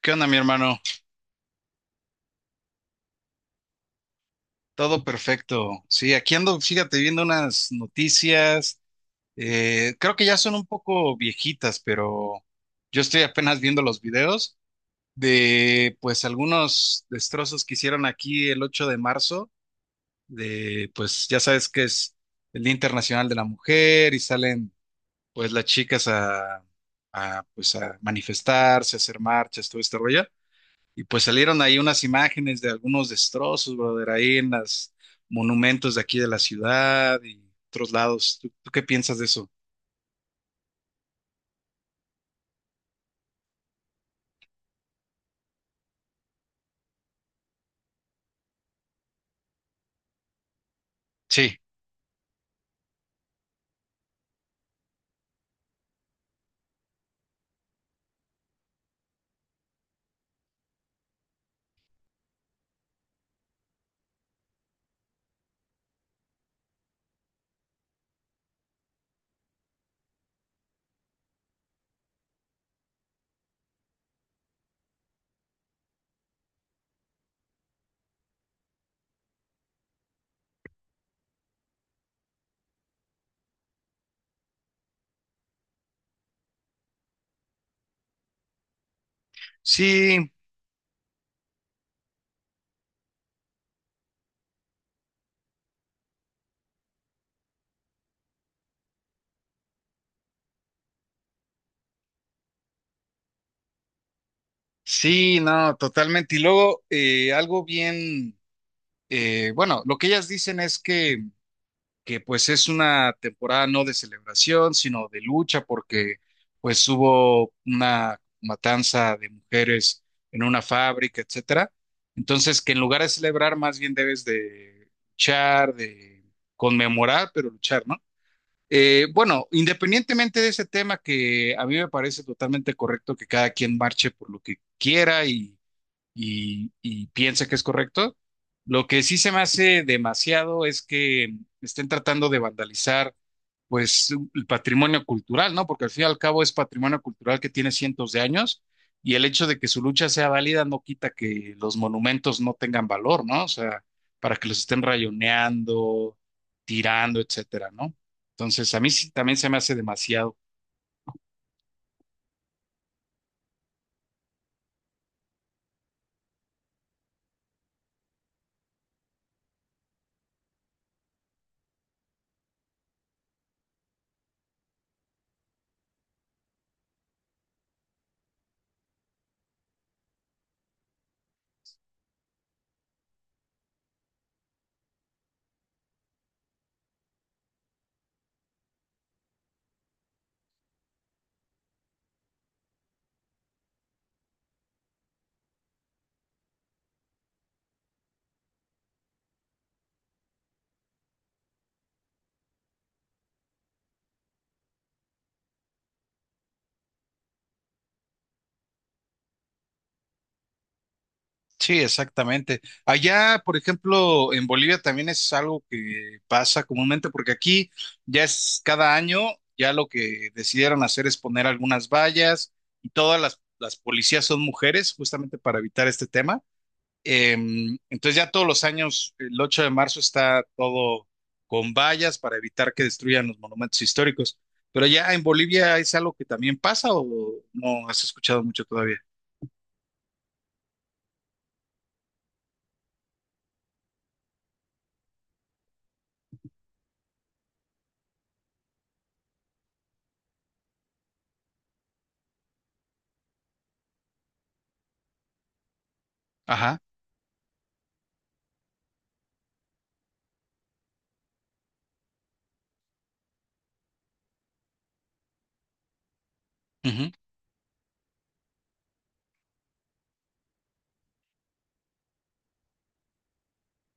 ¿Qué onda, mi hermano? Todo perfecto. Sí, aquí ando, fíjate, viendo unas noticias. Creo que ya son un poco viejitas, pero yo estoy apenas viendo los videos de, pues, algunos destrozos que hicieron aquí el 8 de marzo, de, pues, ya sabes que es el Día Internacional de la Mujer y salen, pues, las chicas a, pues, a manifestarse, a hacer marchas, todo este rollo. Y pues salieron ahí unas imágenes de algunos destrozos, brother, ahí en los monumentos de aquí de la ciudad y otros lados. ¿Tú qué piensas de eso? Sí, sí, sí, no, totalmente. Y luego, algo bien, bueno, lo que ellas dicen es que pues es una temporada no de celebración, sino de lucha, porque pues hubo una matanza de mujeres en una fábrica, etcétera. Entonces, que en lugar de celebrar, más bien debes de luchar, de conmemorar, pero luchar, ¿no? Bueno, independientemente de ese tema que a mí me parece totalmente correcto que cada quien marche por lo que quiera y piensa que es correcto. Lo que sí se me hace demasiado es que estén tratando de vandalizar, pues, el patrimonio cultural, ¿no? Porque al fin y al cabo es patrimonio cultural que tiene cientos de años y el hecho de que su lucha sea válida no quita que los monumentos no tengan valor, ¿no? O sea, para que los estén rayoneando, tirando, etcétera, ¿no? Entonces, a mí sí también se me hace demasiado. Sí, exactamente. Allá, por ejemplo, en Bolivia también es algo que pasa comúnmente, porque aquí ya es cada año, ya lo que decidieron hacer es poner algunas vallas y todas las policías son mujeres, justamente para evitar este tema. Eh, entonces ya todos los años, el 8 de marzo está todo con vallas para evitar que destruyan los monumentos históricos. Pero ya en Bolivia es algo que también pasa o no has escuchado mucho todavía. Ajá. Ujú.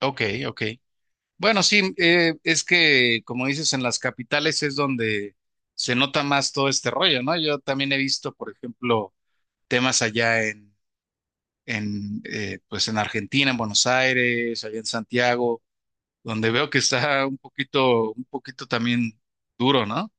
Ok, ok. Bueno, sí, es que como dices, en las capitales es donde se nota más todo este rollo, ¿no? Yo también he visto, por ejemplo, temas allá en, pues en Argentina, en Buenos Aires, allá en Santiago donde veo que está un poquito también duro, ¿no?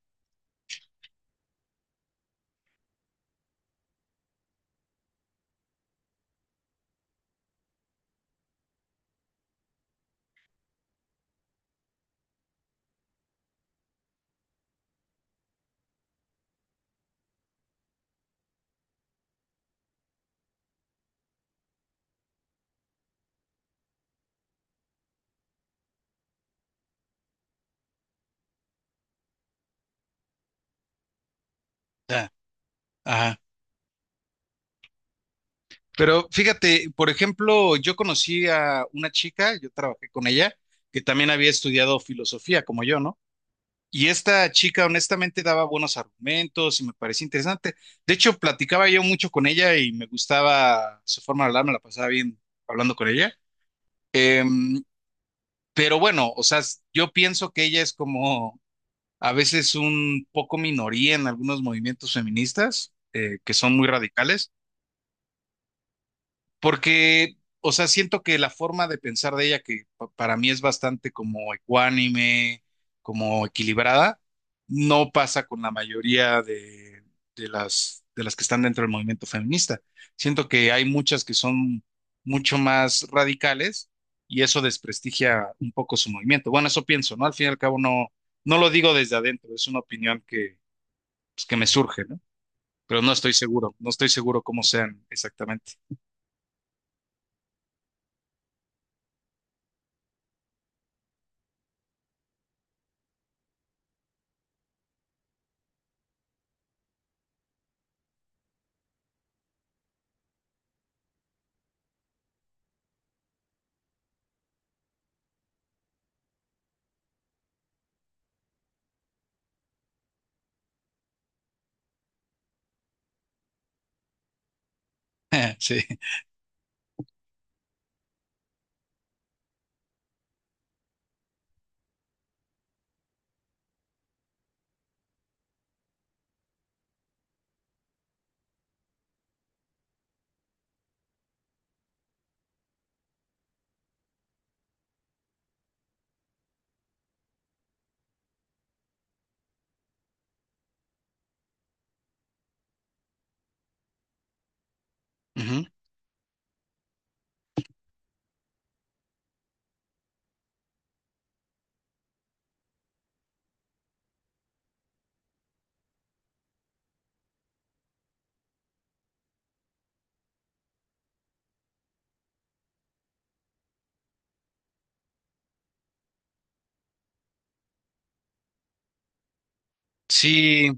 Ya. Ajá. Pero fíjate, por ejemplo, yo conocí a una chica, yo trabajé con ella, que también había estudiado filosofía, como yo, ¿no? Y esta chica honestamente daba buenos argumentos y me parecía interesante. De hecho, platicaba yo mucho con ella y me gustaba su forma de hablar, me la pasaba bien hablando con ella. Em, pero bueno, o sea, yo pienso que ella es como a veces un poco minoría en algunos movimientos feministas que son muy radicales, porque, o sea, siento que la forma de pensar de ella, que para mí es bastante como ecuánime, como equilibrada, no pasa con la mayoría de, de las que están dentro del movimiento feminista. Siento que hay muchas que son mucho más radicales y eso desprestigia un poco su movimiento. Bueno, eso pienso, ¿no? Al fin y al cabo no, no lo digo desde adentro, es una opinión pues, que me surge, ¿no? Pero no estoy seguro, no estoy seguro cómo sean exactamente. Sí. Ujú. Sí,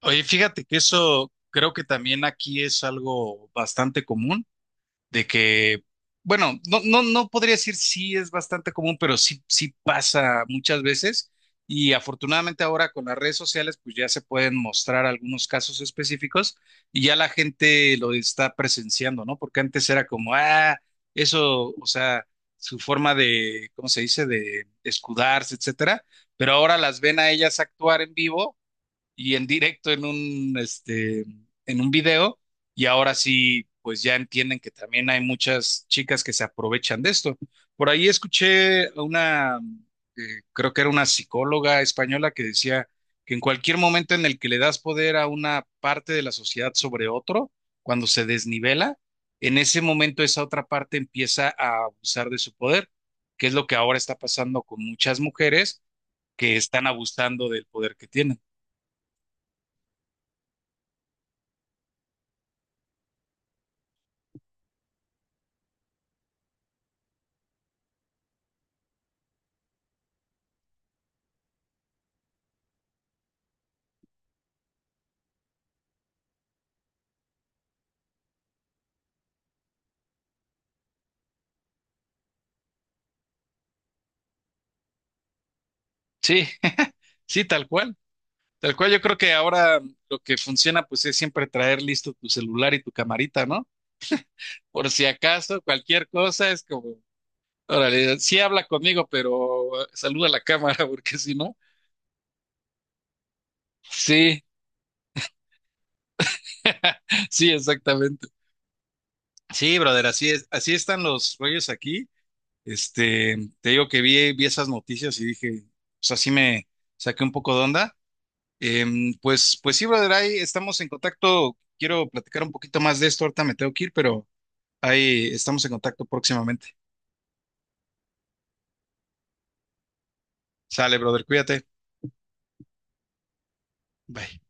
oye, fíjate que eso creo que también aquí es algo bastante común. De que, bueno, no, no, no podría decir sí es bastante común, pero sí, sí pasa muchas veces. Y afortunadamente ahora con las redes sociales, pues ya se pueden mostrar algunos casos específicos y ya la gente lo está presenciando, ¿no? Porque antes era como, ah, eso, o sea, su forma de, ¿cómo se dice?, de escudarse, etcétera. Pero ahora las ven a ellas actuar en vivo y en directo en un, este, en un video y ahora sí, pues ya entienden que también hay muchas chicas que se aprovechan de esto. Por ahí escuché a una, creo que era una psicóloga española que decía que en cualquier momento en el que le das poder a una parte de la sociedad sobre otro, cuando se desnivela, en ese momento esa otra parte empieza a abusar de su poder, que es lo que ahora está pasando con muchas mujeres que están abusando del poder que tienen. Sí. Sí, tal cual. Tal cual, yo creo que ahora lo que funciona pues es siempre traer listo tu celular y tu camarita, ¿no? Por si acaso, cualquier cosa es como, órale, sí habla conmigo, pero saluda a la cámara, porque si no, sí, sí, exactamente. Sí, brother, así es, así están los rollos aquí. Este, te digo que vi esas noticias y dije, pues así me saqué un poco de onda. Pues, pues sí, brother, ahí estamos en contacto. Quiero platicar un poquito más de esto, ahorita me tengo que ir, pero ahí estamos en contacto próximamente. Sale, brother, cuídate. Bye.